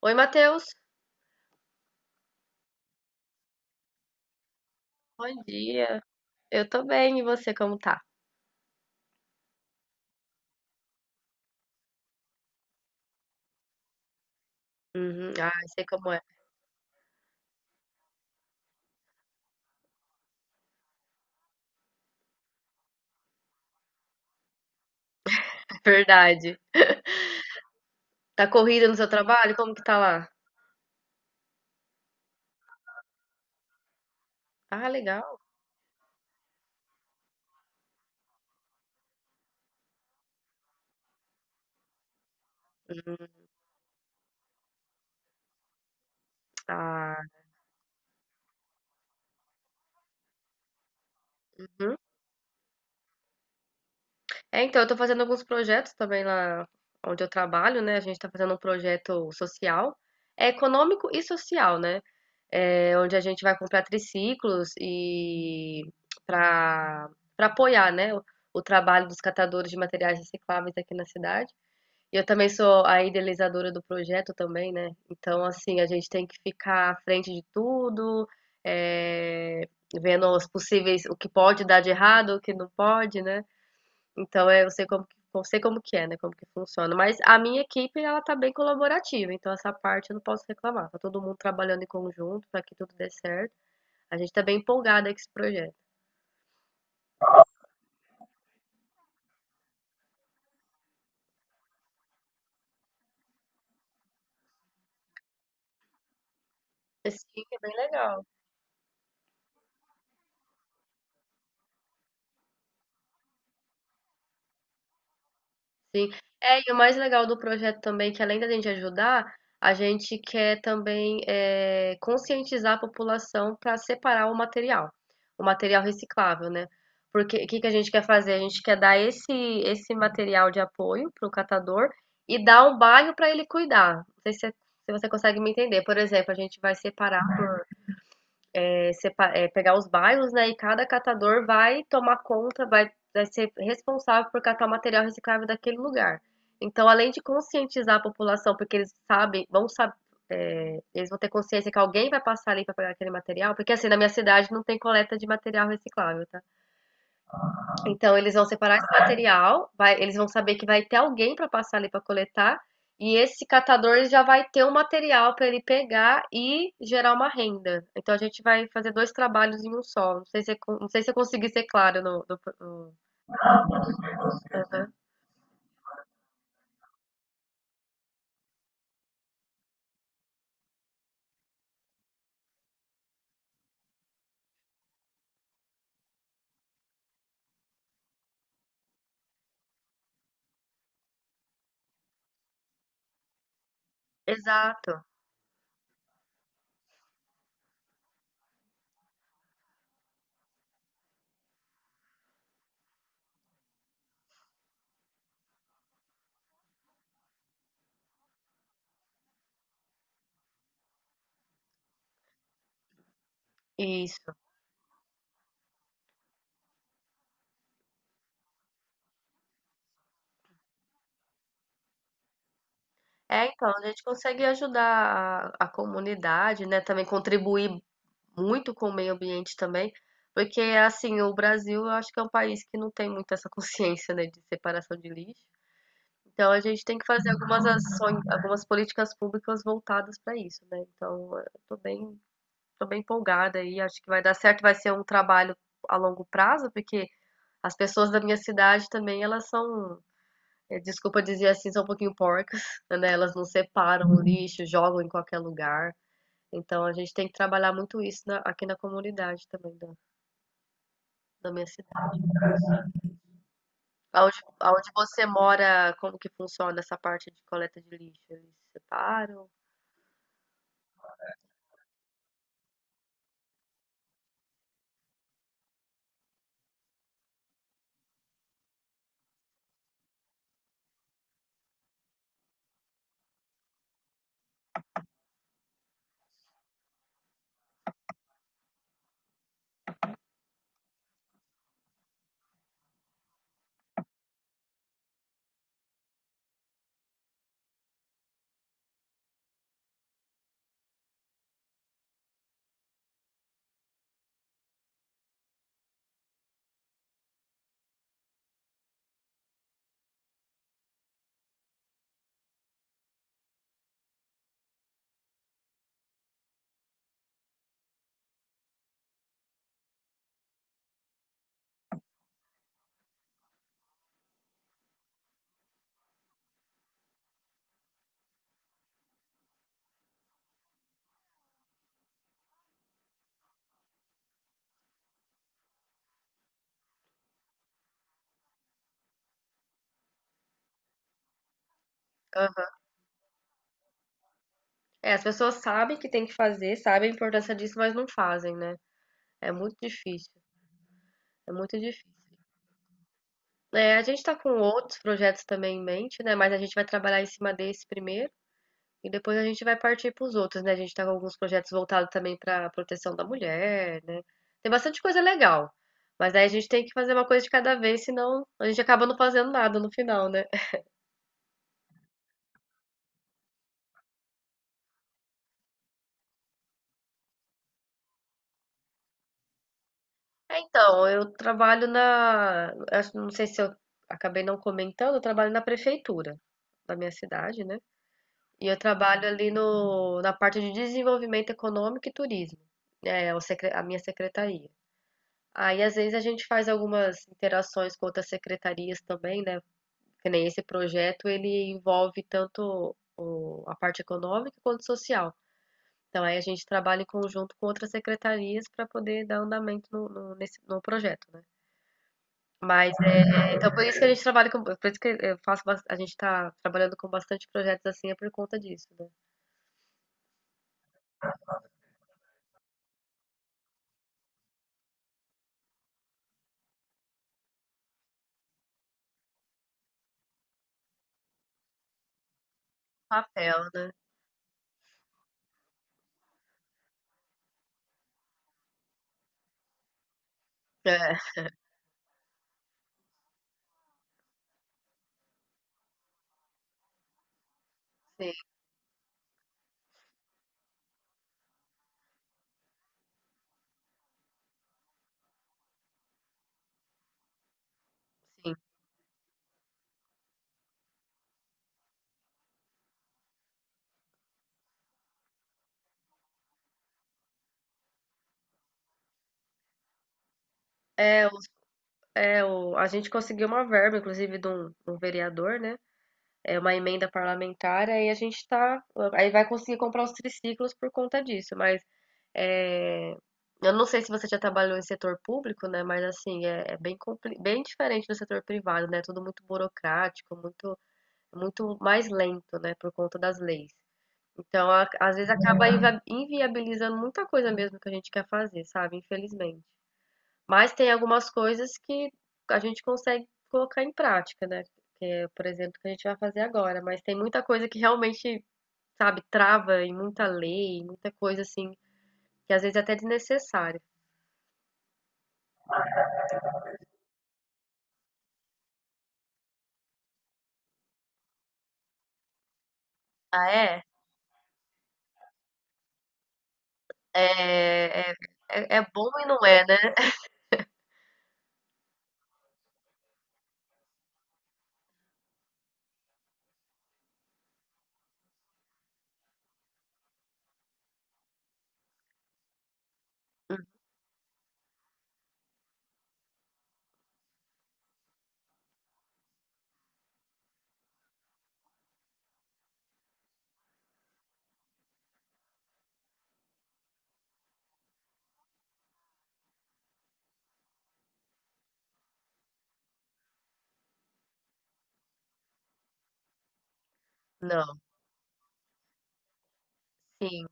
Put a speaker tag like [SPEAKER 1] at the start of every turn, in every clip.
[SPEAKER 1] Oi, Matheus. Bom dia. Eu tô bem, e você como tá? Uhum. Ah, sei como é. Verdade. Tá corrida no seu trabalho? Como que tá lá? Ah, legal. Uhum. Ah, uhum. Eu tô fazendo alguns projetos também lá onde eu trabalho, né? A gente tá fazendo um projeto social, é econômico e social, né? É, onde a gente vai comprar triciclos para para apoiar, né, o trabalho dos catadores de materiais recicláveis aqui na cidade. Eu também sou a idealizadora do projeto também, né? Então, assim, a gente tem que ficar à frente de tudo, eh, vendo os possíveis, o que pode dar de errado, o que não pode, né? Então, é, eu sei como que é, né? Como que funciona. Mas a minha equipe, ela tá bem colaborativa, então essa parte eu não posso reclamar. Tá todo mundo trabalhando em conjunto para que tudo dê certo. A gente tá bem empolgada com esse projeto. Sim, é bem legal. Sim. É, e o mais legal do projeto também, que além da gente ajudar, a gente quer também conscientizar a população para separar o material reciclável, né? Porque o que que a gente quer fazer? A gente quer dar esse material de apoio para o catador e dar um bairro para ele cuidar. Não sei se, é, se você consegue me entender. Por exemplo, a gente vai separar por pegar os bairros, né? E cada catador vai tomar conta, vai ser responsável por catar o material reciclável daquele lugar. Então, além de conscientizar a população, porque vão saber, é, eles vão ter consciência que alguém vai passar ali para pegar aquele material, porque assim, na minha cidade não tem coleta de material reciclável, tá? Então, eles vão separar esse material, eles vão saber que vai ter alguém para passar ali para coletar, e esse catador já vai ter um material para ele pegar e gerar uma renda. Então, a gente vai fazer dois trabalhos em um só. Não sei se eu consegui ser claro no. Aham. Exato, isso. É, então, a gente consegue ajudar a comunidade, né? Também contribuir muito com o meio ambiente também, porque, assim, o Brasil eu acho que é um país que não tem muito essa consciência, né, de separação de lixo. Então a gente tem que fazer algumas ações, algumas políticas públicas voltadas para isso, né? Então, tô bem empolgada aí, acho que vai dar certo, vai ser um trabalho a longo prazo, porque as pessoas da minha cidade também, desculpa dizer assim, são um pouquinho porcas, né? Elas não separam o lixo, jogam em qualquer lugar. Então a gente tem que trabalhar muito isso aqui na comunidade também da minha cidade. Aonde você mora, como que funciona essa parte de coleta de lixo? Eles separam? É, as pessoas sabem que tem que fazer, sabem a importância disso, mas não fazem, né? É muito difícil, é muito difícil. É, a gente está com outros projetos também em mente, né? Mas a gente vai trabalhar em cima desse primeiro e depois a gente vai partir para os outros, né? A gente está com alguns projetos voltados também para a proteção da mulher, né? Tem bastante coisa legal, mas aí a gente tem que fazer uma coisa de cada vez, senão a gente acaba não fazendo nada no final, né? É, então, eu trabalho na. Acho- Não sei se eu acabei não comentando, eu trabalho na prefeitura da minha cidade, né? E eu trabalho ali no, na parte de desenvolvimento econômico e turismo, né? A minha secretaria. Aí, às vezes, a gente faz algumas interações com outras secretarias também, né? Que nem esse projeto, ele envolve tanto a parte econômica quanto social. Então, aí a gente trabalha em conjunto com outras secretarias para poder dar andamento no projeto, né? Mas então por isso que a gente trabalha com, por isso que a gente tá trabalhando com bastante projetos assim é por conta disso, né? Papel, né? É, sim, sim. É, o, é o, a gente conseguiu uma verba, inclusive, de um vereador, né? É uma emenda parlamentar, aí a gente tá, aí vai conseguir comprar os triciclos por conta disso, mas é, eu não sei se você já trabalhou em setor público, né? Mas assim, bem diferente do setor privado, né? Tudo muito burocrático, muito mais lento, né, por conta das leis. Então, às vezes acaba inviabilizando muita coisa mesmo que a gente quer fazer, sabe? Infelizmente. Mas tem algumas coisas que a gente consegue colocar em prática, né? Que é, por exemplo, o que a gente vai fazer agora. Mas tem muita coisa que realmente, sabe, trava em muita lei, em muita coisa assim, que às vezes é até desnecessária. Ah, é? É, é, é é bom e não é, né? Não. Sim.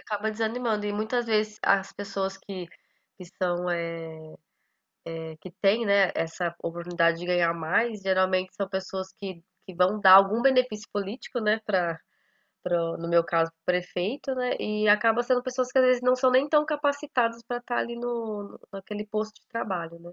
[SPEAKER 1] Acaba desanimando. E muitas vezes as pessoas que são, que têm, né, essa oportunidade de ganhar mais, geralmente são pessoas que vão dar algum benefício político, né, para, no meu caso, pro prefeito, né, e acaba sendo pessoas que às vezes não são nem tão capacitadas para estar ali naquele posto de trabalho, né.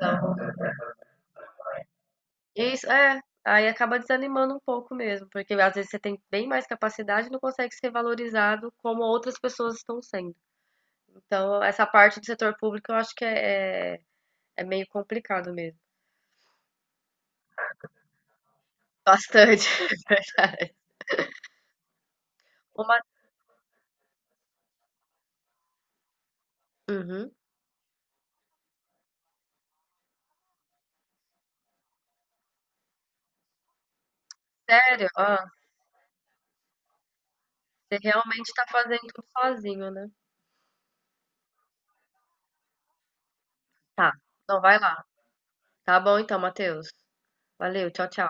[SPEAKER 1] Então, isso, é. Aí acaba desanimando um pouco mesmo, porque às vezes você tem bem mais capacidade e não consegue ser valorizado como outras pessoas estão sendo. Então, essa parte do setor público eu acho que é meio complicado mesmo. Bastante, é verdade. Uma... Uhum. Sério? Ó, você realmente tá fazendo tudo sozinho, né? Tá. Então vai lá. Tá bom então, Matheus. Valeu, tchau, tchau.